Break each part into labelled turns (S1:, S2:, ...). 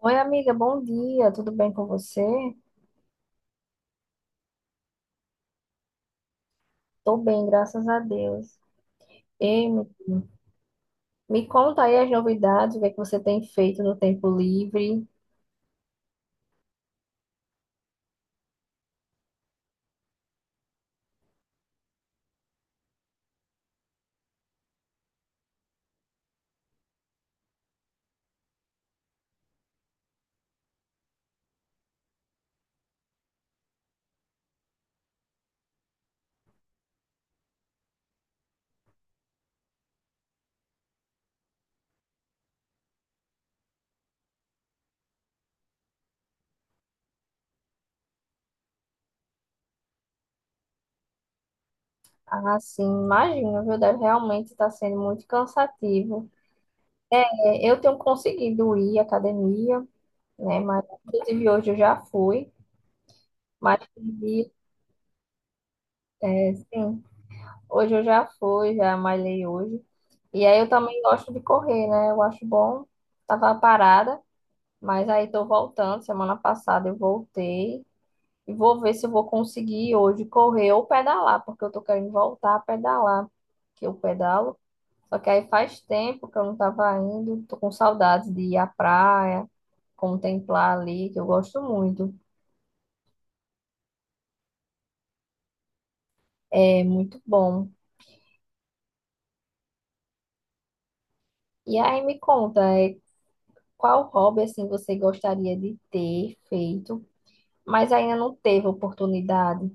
S1: Oi, amiga, bom dia, tudo bem com você? Tô bem, graças a Deus. E me, me conta aí as novidades, o que é que você tem feito no tempo livre. Ah, sim, imagino, viu? Deve realmente estar sendo muito cansativo. É, eu tenho conseguido ir à academia, né? Mas, inclusive, hoje eu já fui, mas, perdi, é, sim, hoje eu já fui, já malhei hoje. E aí eu também gosto de correr, né? Eu acho bom, tava parada. Mas aí tô voltando, semana passada eu voltei e vou ver se eu vou conseguir hoje correr ou pedalar, porque eu tô querendo voltar a pedalar, que eu pedalo. Só que aí faz tempo que eu não tava indo, tô com saudades de ir à praia, contemplar ali, que eu gosto muito, é muito bom. E aí me conta, qual hobby assim você gostaria de ter feito, mas ainda não teve oportunidade?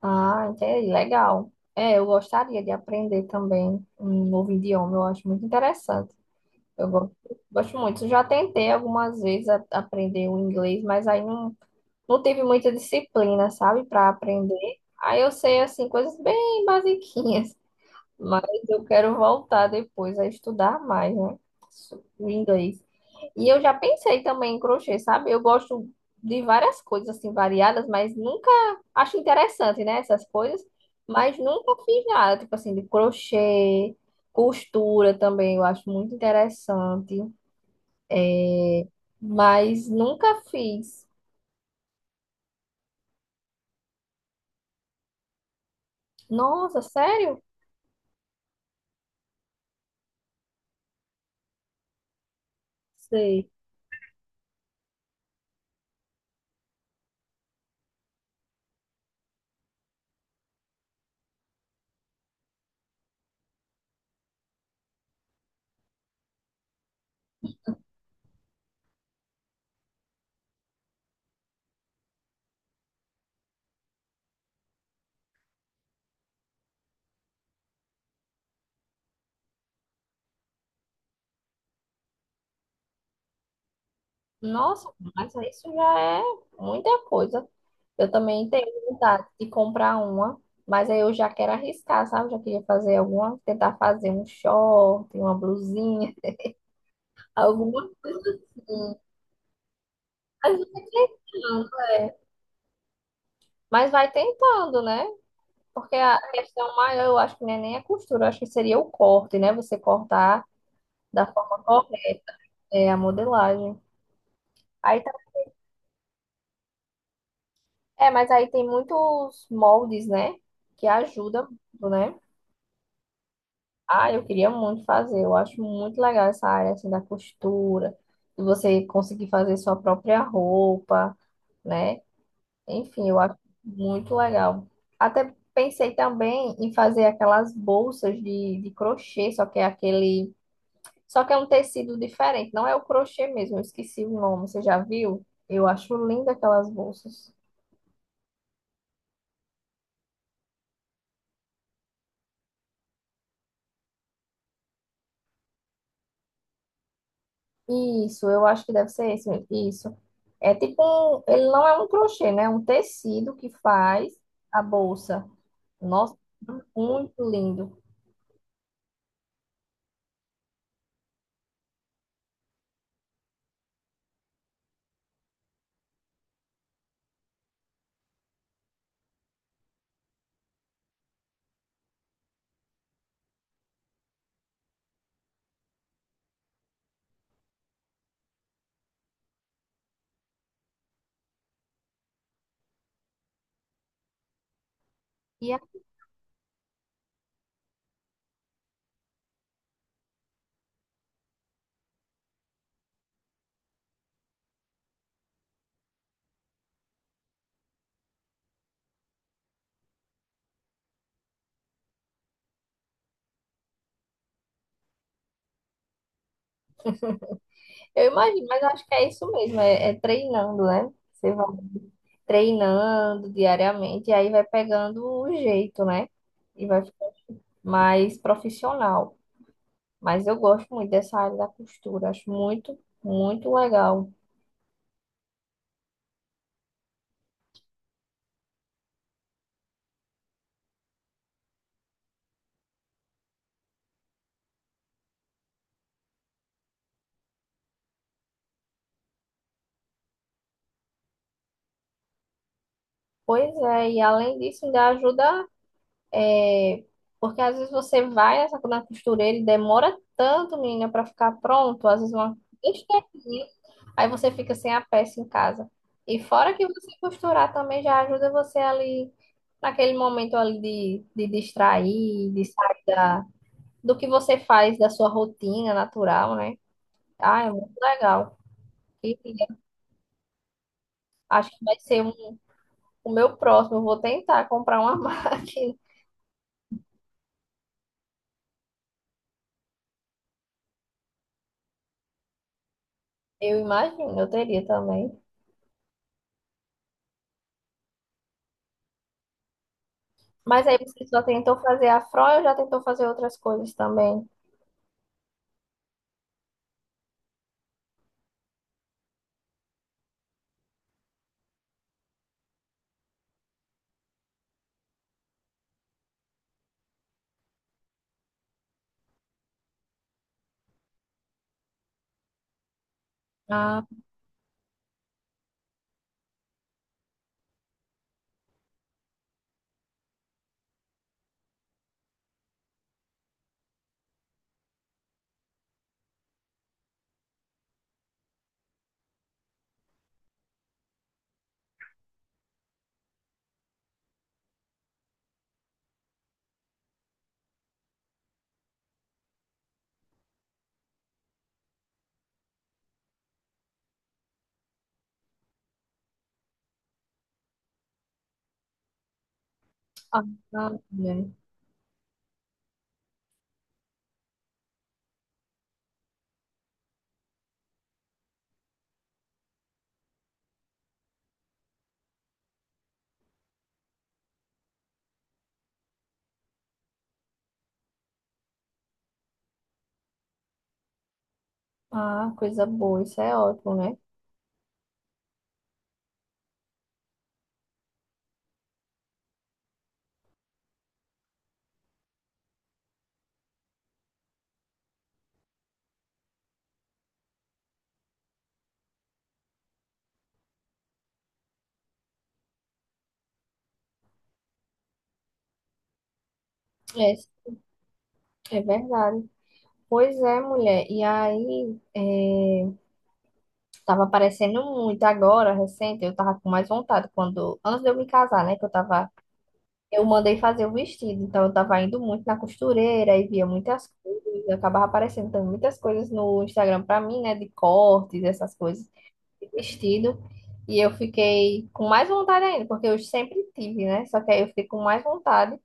S1: Ah, entendi. Legal. É, eu gostaria de aprender também um novo idioma, eu acho muito interessante. Eu go- gosto muito. Já tentei algumas vezes aprender o inglês, mas aí não, não tive muita disciplina, sabe, para aprender. Aí eu sei, assim, coisas bem basiquinhas. Mas eu quero voltar depois a estudar mais, né? O inglês. E eu já pensei também em crochê, sabe? Eu gosto de várias coisas assim variadas, mas nunca acho interessante, né, essas coisas, mas nunca fiz nada, tipo assim, de crochê, costura também, eu acho muito interessante, é, mas nunca fiz. Nossa, sério? Sei. Nossa, mas isso já é muita coisa. Eu também tenho vontade de comprar uma, mas aí eu já quero arriscar, sabe? Já queria fazer alguma, tentar fazer um short, uma blusinha, alguma coisa assim. Mas vai tentando, é. Mas vai tentando, né? Porque a questão maior, eu acho que não é nem a costura, eu acho que seria o corte, né? Você cortar da forma correta, é, a modelagem. Aí, tá- mas aí tem muitos moldes, né? Que ajudam, muito, né? Ah, eu queria muito fazer. Eu acho muito legal essa área assim da costura, de você conseguir fazer sua própria roupa, né? Enfim, eu acho muito legal. Até pensei também em fazer aquelas bolsas de crochê, só que é aquele, só que é um tecido diferente, não é o crochê mesmo, eu esqueci o nome, você já viu? Eu acho linda aquelas bolsas. Isso, eu acho que deve ser esse mesmo. Isso. É tipo um, ele não é um crochê, né? É um tecido que faz a bolsa. Nossa, muito lindo. E é- eu imagino, mas eu acho que é isso mesmo, é, é treinando, né? Você vai treinando diariamente e aí vai pegando o jeito, né? E vai ficar mais profissional. Mas eu gosto muito dessa área da costura, acho muito, muito legal. Pois é, e além disso, ainda ajuda. Porque às vezes você vai na costureira e demora tanto, menina, para ficar pronto. Às vezes uma besteirinha. Aí você fica sem a peça em casa. E fora que você costurar também já ajuda você ali, naquele momento ali de distrair, de sair da, do que você faz, da sua rotina natural, né? Ah, é muito legal. E acho que vai ser o meu próximo. Eu vou tentar comprar uma máquina. Eu imagino, eu teria também. Mas aí você só tentou fazer afro ou já tentou fazer outras coisas também? Ah, ah, ah, né? Ah, coisa boa, isso é ótimo, né? É, é verdade. Pois é, mulher. Tava aparecendo muito agora, recente, eu tava com mais vontade quando, antes de eu me casar, né, que eu tava, eu mandei fazer o vestido, então eu tava indo muito na costureira e via muitas coisas, acabava aparecendo também muitas coisas no Instagram pra mim, né, de cortes, essas coisas. Vestido. E eu fiquei com mais vontade ainda, porque eu sempre tive, né? Só que aí eu fiquei com mais vontade.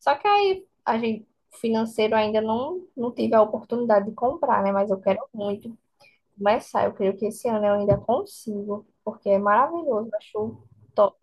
S1: Só que aí a gente financeiro ainda não tive a oportunidade de comprar, né? Mas eu quero muito começar. Eu creio que esse ano eu ainda consigo, porque é maravilhoso. Eu acho top.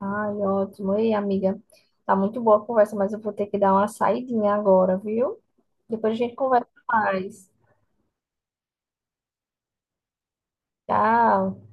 S1: Ai, ótimo. Ei, amiga, tá muito boa a conversa, mas eu vou ter que dar uma saidinha agora, viu? Depois a gente conversa mais. Tchau.